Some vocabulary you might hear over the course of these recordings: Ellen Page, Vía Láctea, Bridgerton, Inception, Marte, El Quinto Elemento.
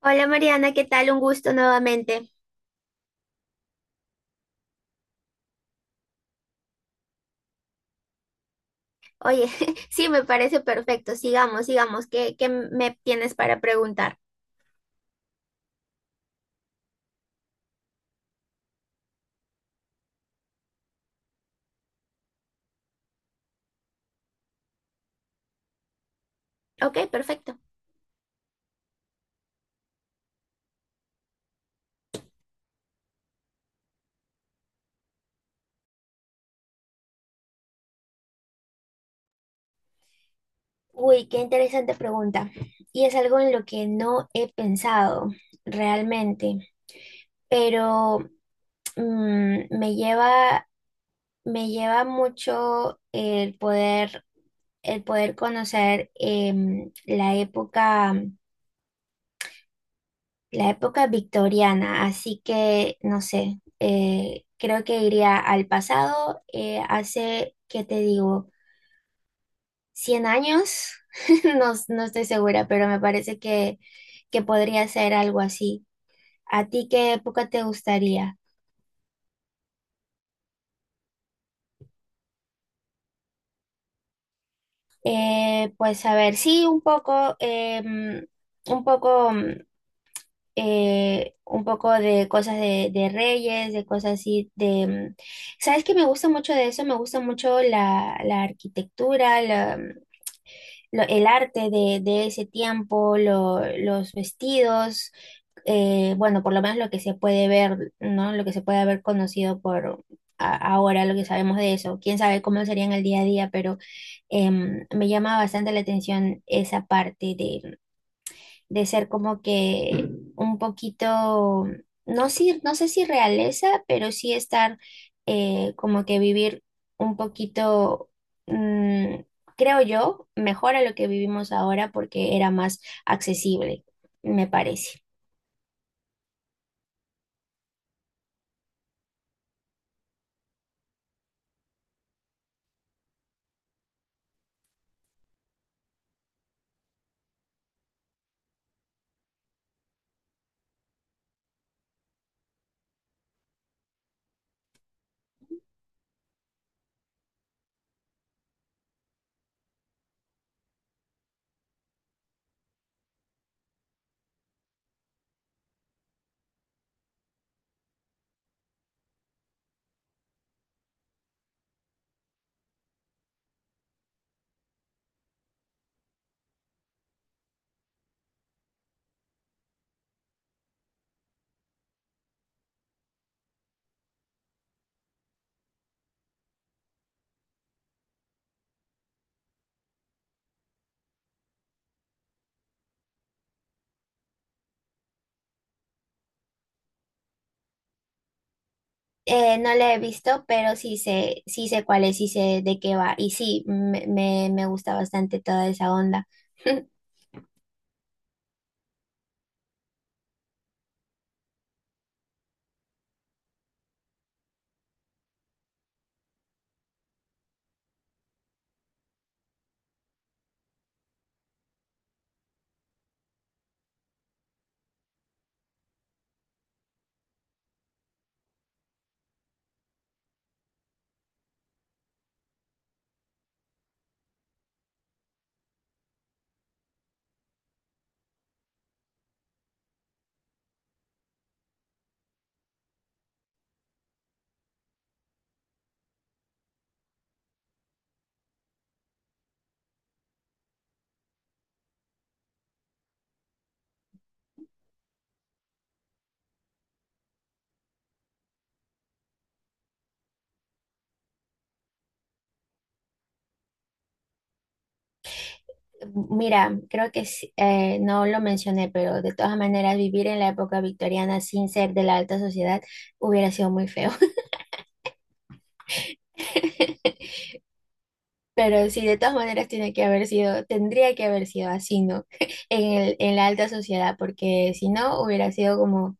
Hola Mariana, ¿qué tal? Un gusto nuevamente. Oye, sí, me parece perfecto. Sigamos, sigamos. ¿Qué me tienes para preguntar? Ok, perfecto. Uy, qué interesante pregunta. Y es algo en lo que no he pensado realmente, pero mm, me lleva, me lleva mucho el poder conocer la época. La época victoriana, así que no sé, creo que iría al pasado, hace, ¿qué te digo? ¿100 años? No, no estoy segura, pero me parece que podría ser algo así. ¿A ti qué época te gustaría? Pues a ver, sí, un poco, un poco. Un poco de cosas de reyes, de cosas así, de... ¿Sabes qué me gusta mucho de eso? Me gusta mucho la arquitectura, el arte de ese tiempo, los vestidos, bueno, por lo menos lo que se puede ver, ¿no? Lo que se puede haber conocido por... Ahora lo que sabemos de eso, quién sabe cómo sería en el día a día, pero me llama bastante la atención esa parte de ser como que un poquito, no, si, no sé si realeza, pero sí estar como que vivir un poquito, mm, creo yo, mejor a lo que vivimos ahora porque era más accesible, me parece. No la he visto, pero sí sé cuál es, sí sé de qué va. Y sí, me gusta bastante toda esa onda. Mira, creo que sí, no lo mencioné, pero de todas maneras vivir en la época victoriana sin ser de la alta sociedad hubiera sido muy feo. Pero sí, de todas maneras tiene que haber sido, tendría que haber sido así, ¿no? En la alta sociedad, porque si no hubiera sido como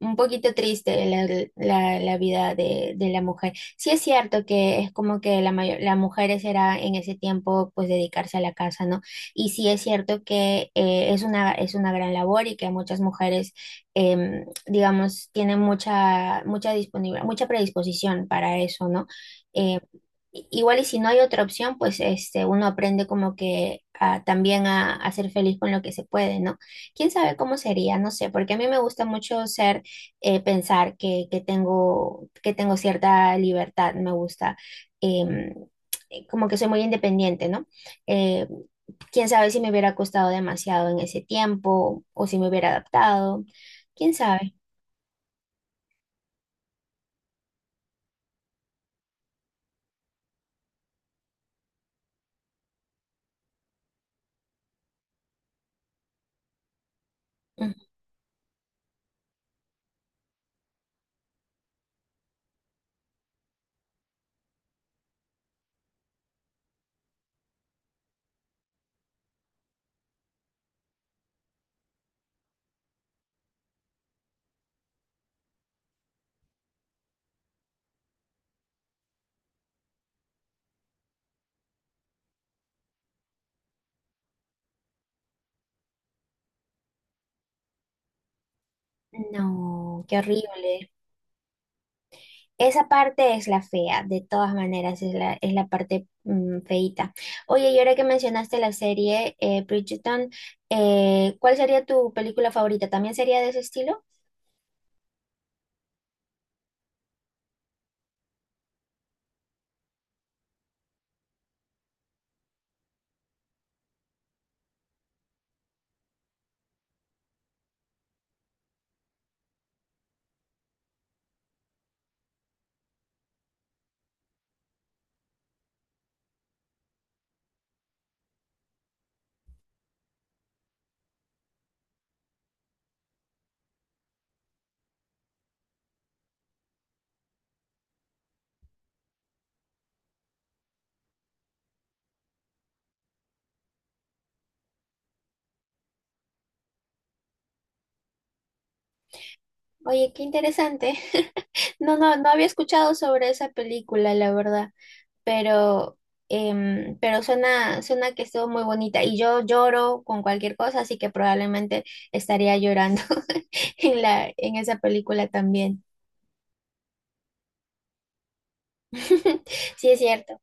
un poquito triste la vida de la mujer. Sí es cierto que es como que la mayor, las mujeres era en ese tiempo pues dedicarse a la casa, ¿no? Y sí es cierto que es una gran labor y que muchas mujeres, digamos, tienen mucha disponibilidad, mucha predisposición para eso, ¿no? Eh, Igual y si no hay otra opción, pues este, uno aprende como que también a ser feliz con lo que se puede, ¿no? ¿Quién sabe cómo sería? No sé, porque a mí me gusta mucho ser pensar que tengo cierta libertad, me gusta, em, como que soy muy independiente, ¿no? Eh, quién sabe si me hubiera costado demasiado en ese tiempo o si me hubiera adaptado, quién sabe. Ujú. No, qué horrible. Esa parte es la fea, de todas maneras, es la parte feíta. Oye, y ahora que mencionaste la serie Bridgerton, ¿cuál sería tu película favorita? ¿También sería de ese estilo? Oye, qué interesante. No, no había escuchado sobre esa película, la verdad, pero, pero suena, suena que estuvo muy bonita y yo lloro con cualquier cosa, así que probablemente estaría llorando en la, en esa película también. Sí, es cierto.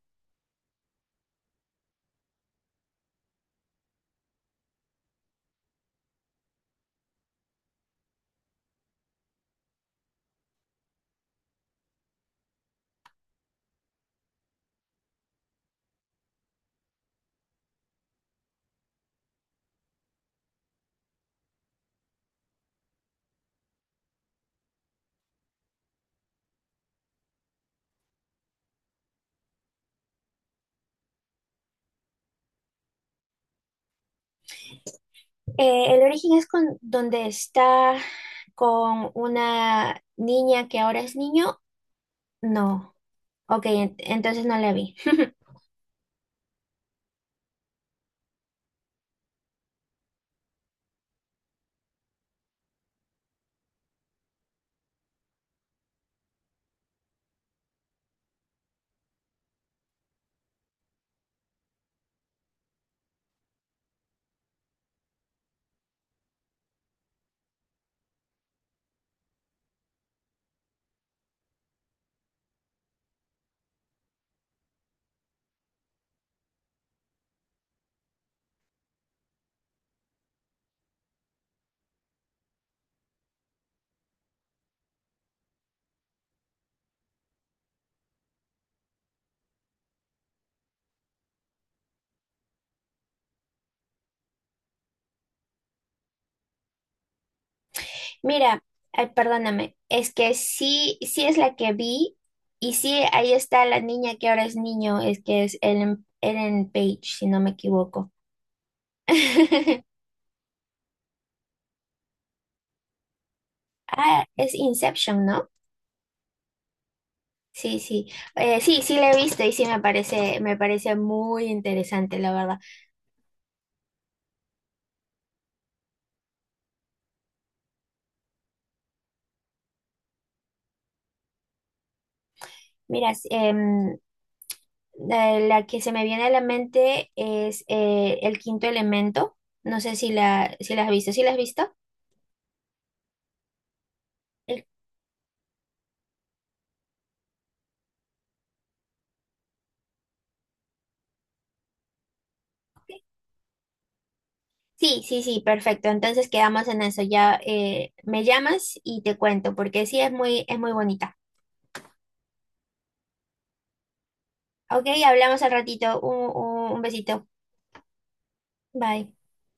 El origen es con donde está con una niña que ahora es niño. No, ok, entonces no la vi. Mira, ay, perdóname, es que sí, sí es la que vi y sí, ahí está la niña que ahora es niño, es que es Ellen, Ellen Page, si no me equivoco. Ah, es Inception, ¿no? Sí, sí, sí, sí la he visto y sí me parece muy interesante, la verdad. Mira, la que se me viene a la mente es El Quinto Elemento, no sé si si la has visto, ¿sí la has visto? Sí, sí, sí, perfecto. Entonces quedamos en eso. Ya me llamas y te cuento, porque sí es muy bonita. Ok, hablamos al ratito. Un besito. Bye.